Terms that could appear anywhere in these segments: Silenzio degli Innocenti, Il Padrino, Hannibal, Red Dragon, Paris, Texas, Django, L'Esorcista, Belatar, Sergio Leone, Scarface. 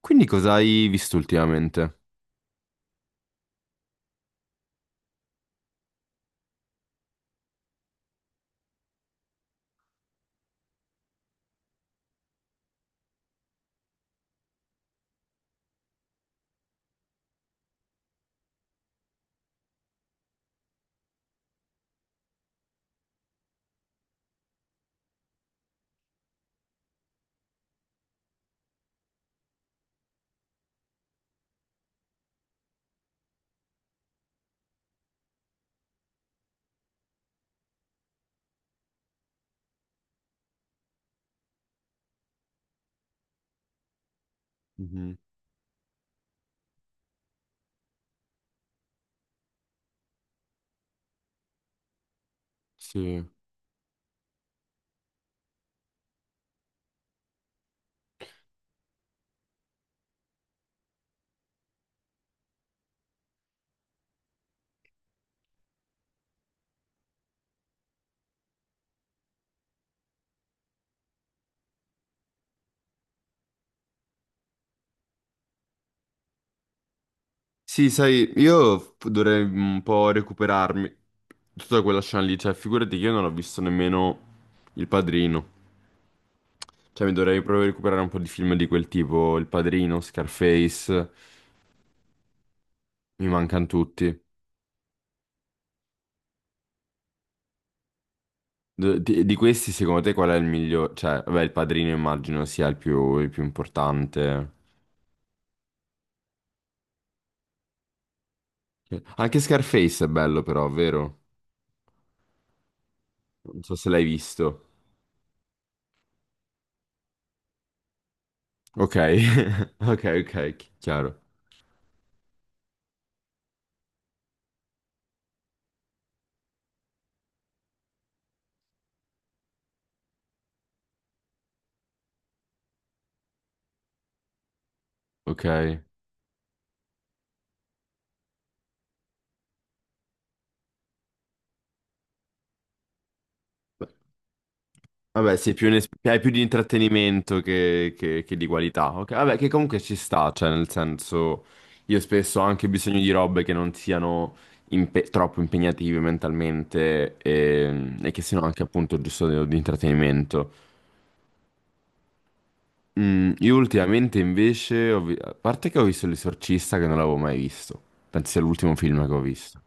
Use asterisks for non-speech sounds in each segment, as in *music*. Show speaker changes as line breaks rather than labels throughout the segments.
Quindi cosa hai visto ultimamente? Mhm. Sì. Sì, sai, dovrei un po' recuperarmi tutta quella scena lì, cioè figurati che io non ho visto nemmeno Il Padrino, cioè mi dovrei proprio recuperare un po' di film di quel tipo, Il Padrino, Scarface, mi mancano tutti. Di questi secondo te qual è il migliore? Cioè, vabbè, Il Padrino immagino sia il più importante. Anche Scarface è bello però, vero? Non so se l'hai visto. Ok, *laughs* ok, ok, chiaro. Ok. Vabbè, sei più un hai più di intrattenimento che, che di qualità. Ok, vabbè, che comunque ci sta, cioè, nel senso, io spesso ho anche bisogno di robe che non siano troppo impegnative mentalmente e che siano anche appunto giusto di intrattenimento. Mm, io ultimamente invece, a parte che ho visto L'Esorcista che non l'avevo mai visto, penso sia l'ultimo film che ho visto.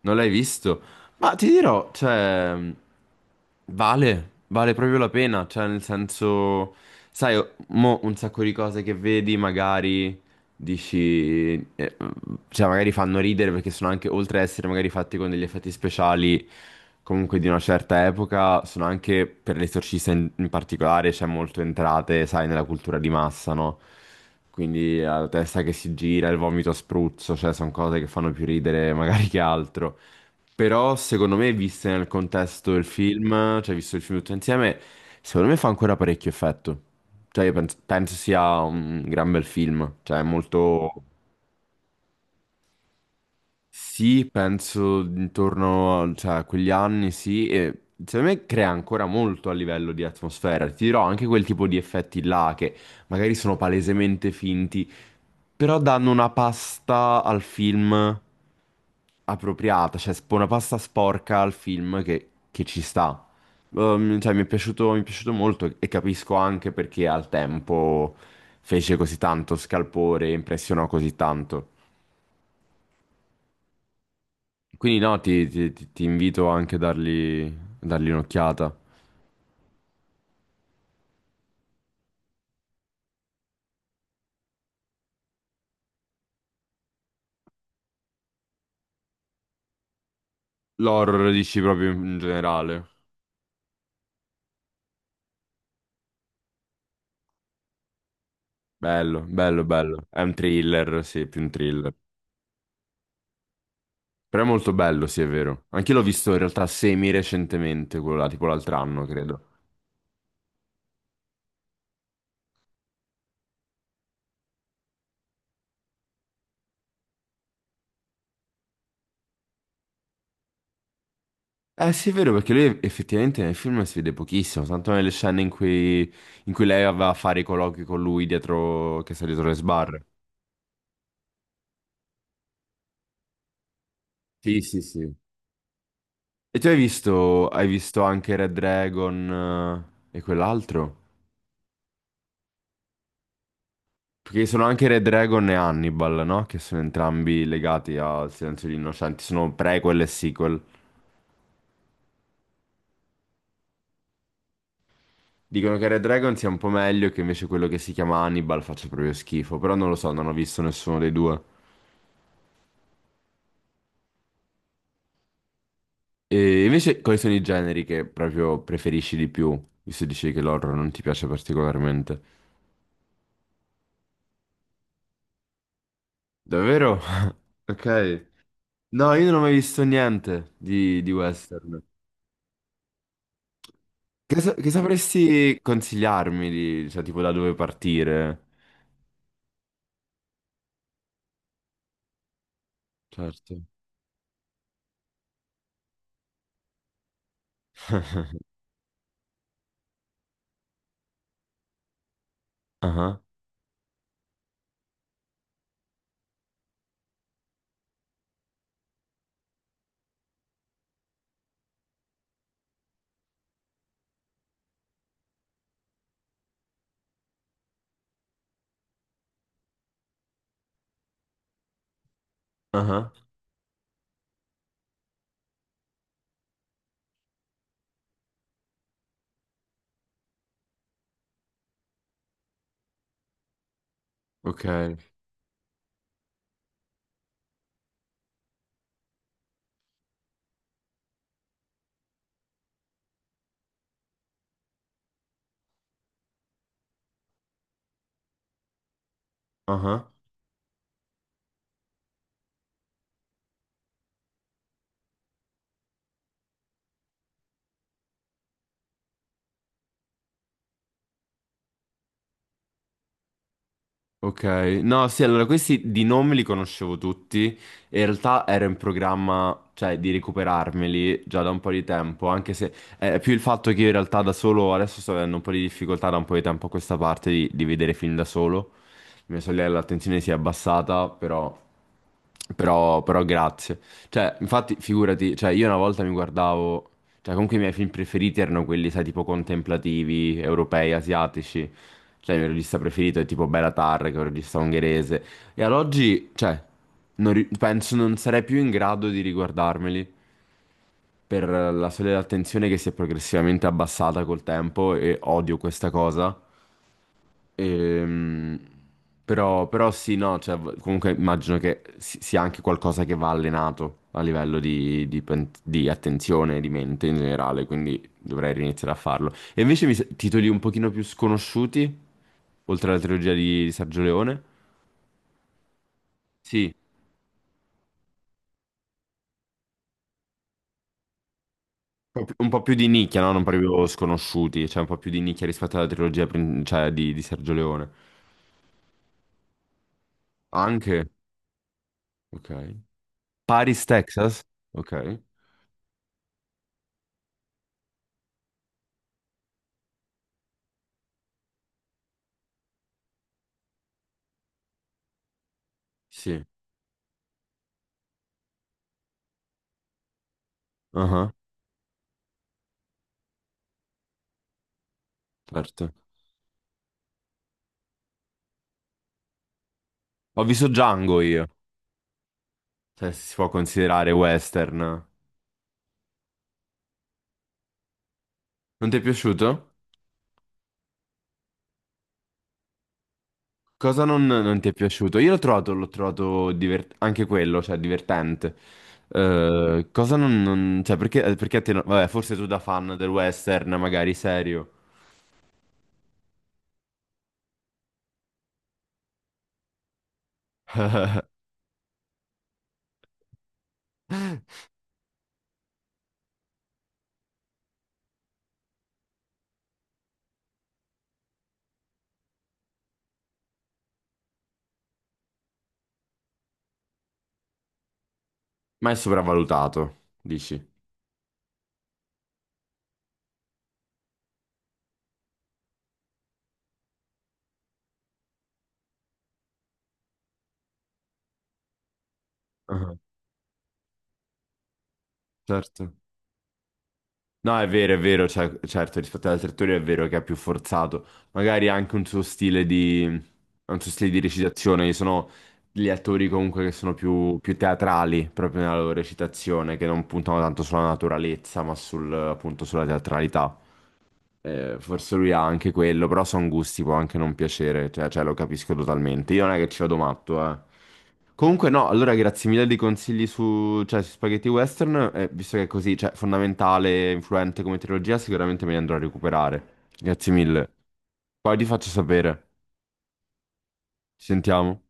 Non l'hai visto? Ma ti dirò, cioè, vale, vale proprio la pena, cioè, nel senso, sai, mo un sacco di cose che vedi, magari dici, eh, cioè magari fanno ridere perché sono anche, oltre ad essere magari fatti con degli effetti speciali comunque di una certa epoca, sono anche per l'esorcista in, in particolare, c'è molto entrate, sai, nella cultura di massa, no? Quindi la testa che si gira, il vomito a spruzzo, cioè sono cose che fanno più ridere magari che altro. Però secondo me, viste nel contesto del film, cioè visto il film tutto insieme, secondo me fa ancora parecchio effetto. Cioè, io penso, penso sia un gran bel film, cioè molto... Sì, penso intorno a, cioè, a quegli anni, sì, e secondo me crea ancora molto a livello di atmosfera. Ti dirò anche quel tipo di effetti là che magari sono palesemente finti, però danno una pasta al film appropriata, cioè una pasta sporca al film che ci sta. Cioè, mi è piaciuto molto e capisco anche perché al tempo fece così tanto scalpore e impressionò così tanto. Quindi no, ti invito anche a dargli un'occhiata. L'horror dici proprio in in generale. Bello, bello, bello. È un thriller, sì, più un thriller. Però è molto bello, sì, è vero. Anche l'ho visto in realtà semi recentemente, quello là, tipo l'altro anno, credo. Eh sì, è vero, perché lui effettivamente nel film si vede pochissimo, tanto nelle scene in cui lei aveva a fare i colloqui con lui dietro, che sta dietro le sbarre. Sì, sì, sì. E tu hai visto anche Red Dragon e quell'altro? Perché sono anche Red Dragon e Hannibal, no? Che sono entrambi legati al Silenzio degli Innocenti, sono prequel e sequel. Dicono che Red Dragon sia un po' meglio e che invece quello che si chiama Hannibal faccia proprio schifo, però non lo so, non ho visto nessuno dei due. E invece quali sono i generi che proprio preferisci di più, visto dicevi che l'horror non ti piace particolarmente? Davvero? *laughs* Ok. No, io non ho mai visto niente di, di western. Che, che sapresti consigliarmi di, cioè, tipo da dove partire? Certo. *laughs* Ah, ah, ok. Ah. Ok, no, sì, allora questi di nome li conoscevo tutti. E in realtà ero in programma, cioè, di recuperarmeli già da un po' di tempo, anche se è più il fatto che io in realtà da solo adesso sto avendo un po' di difficoltà da un po' di tempo a questa parte di vedere film da solo. Mia sorella l'attenzione si è abbassata, però, però, però grazie. Cioè, infatti, figurati, cioè, io una volta mi guardavo, cioè, comunque i miei film preferiti erano quelli, sai, tipo contemplativi, europei, asiatici. Cioè, il mio regista preferito è tipo Belatar, che è un regista ungherese. E ad oggi, cioè, non ri- penso non sarei più in grado di riguardarmeli per la sola attenzione che si è progressivamente abbassata col tempo e odio questa cosa. Ehm, Però, però sì, no, cioè, comunque immagino che sia anche qualcosa che va allenato a livello di di attenzione, di mente in generale, quindi dovrei riniziare a farlo. E invece mi, titoli un pochino più sconosciuti, oltre alla trilogia di Sergio Leone? Sì, un po' più di nicchia, no? Non proprio sconosciuti, cioè un po' più di nicchia rispetto alla trilogia cioè, di Sergio Leone. Anche, ok. Paris, Texas? Ok, sì, ah, certo. Ho visto Django io, se si può considerare western. Non ti è piaciuto? Cosa non, non ti è piaciuto? Io l'ho trovato anche quello, cioè divertente. Cosa non, non- Cioè, perché, perché a te non- Vabbè, forse tu da fan del western, magari serio. *laughs* Ma è sopravvalutato, dici? Ah, certo. No, è vero, cioè, certo, rispetto ad altri attori è vero che è più forzato. Magari anche un suo stile di, un suo stile di recitazione. Ci sono gli attori comunque che sono più, più teatrali proprio nella loro recitazione, che non puntano tanto sulla naturalezza, ma sul, appunto sulla teatralità. Forse lui ha anche quello, però sono gusti, può anche non piacere, cioè, cioè, lo capisco totalmente. Io non è che ci vado matto, eh. Comunque no, allora grazie mille dei consigli su, cioè, su spaghetti western, visto che è così, cioè, fondamentale, influente come trilogia, sicuramente me li andrò a recuperare. Grazie mille. Poi ti faccio sapere. Ci sentiamo.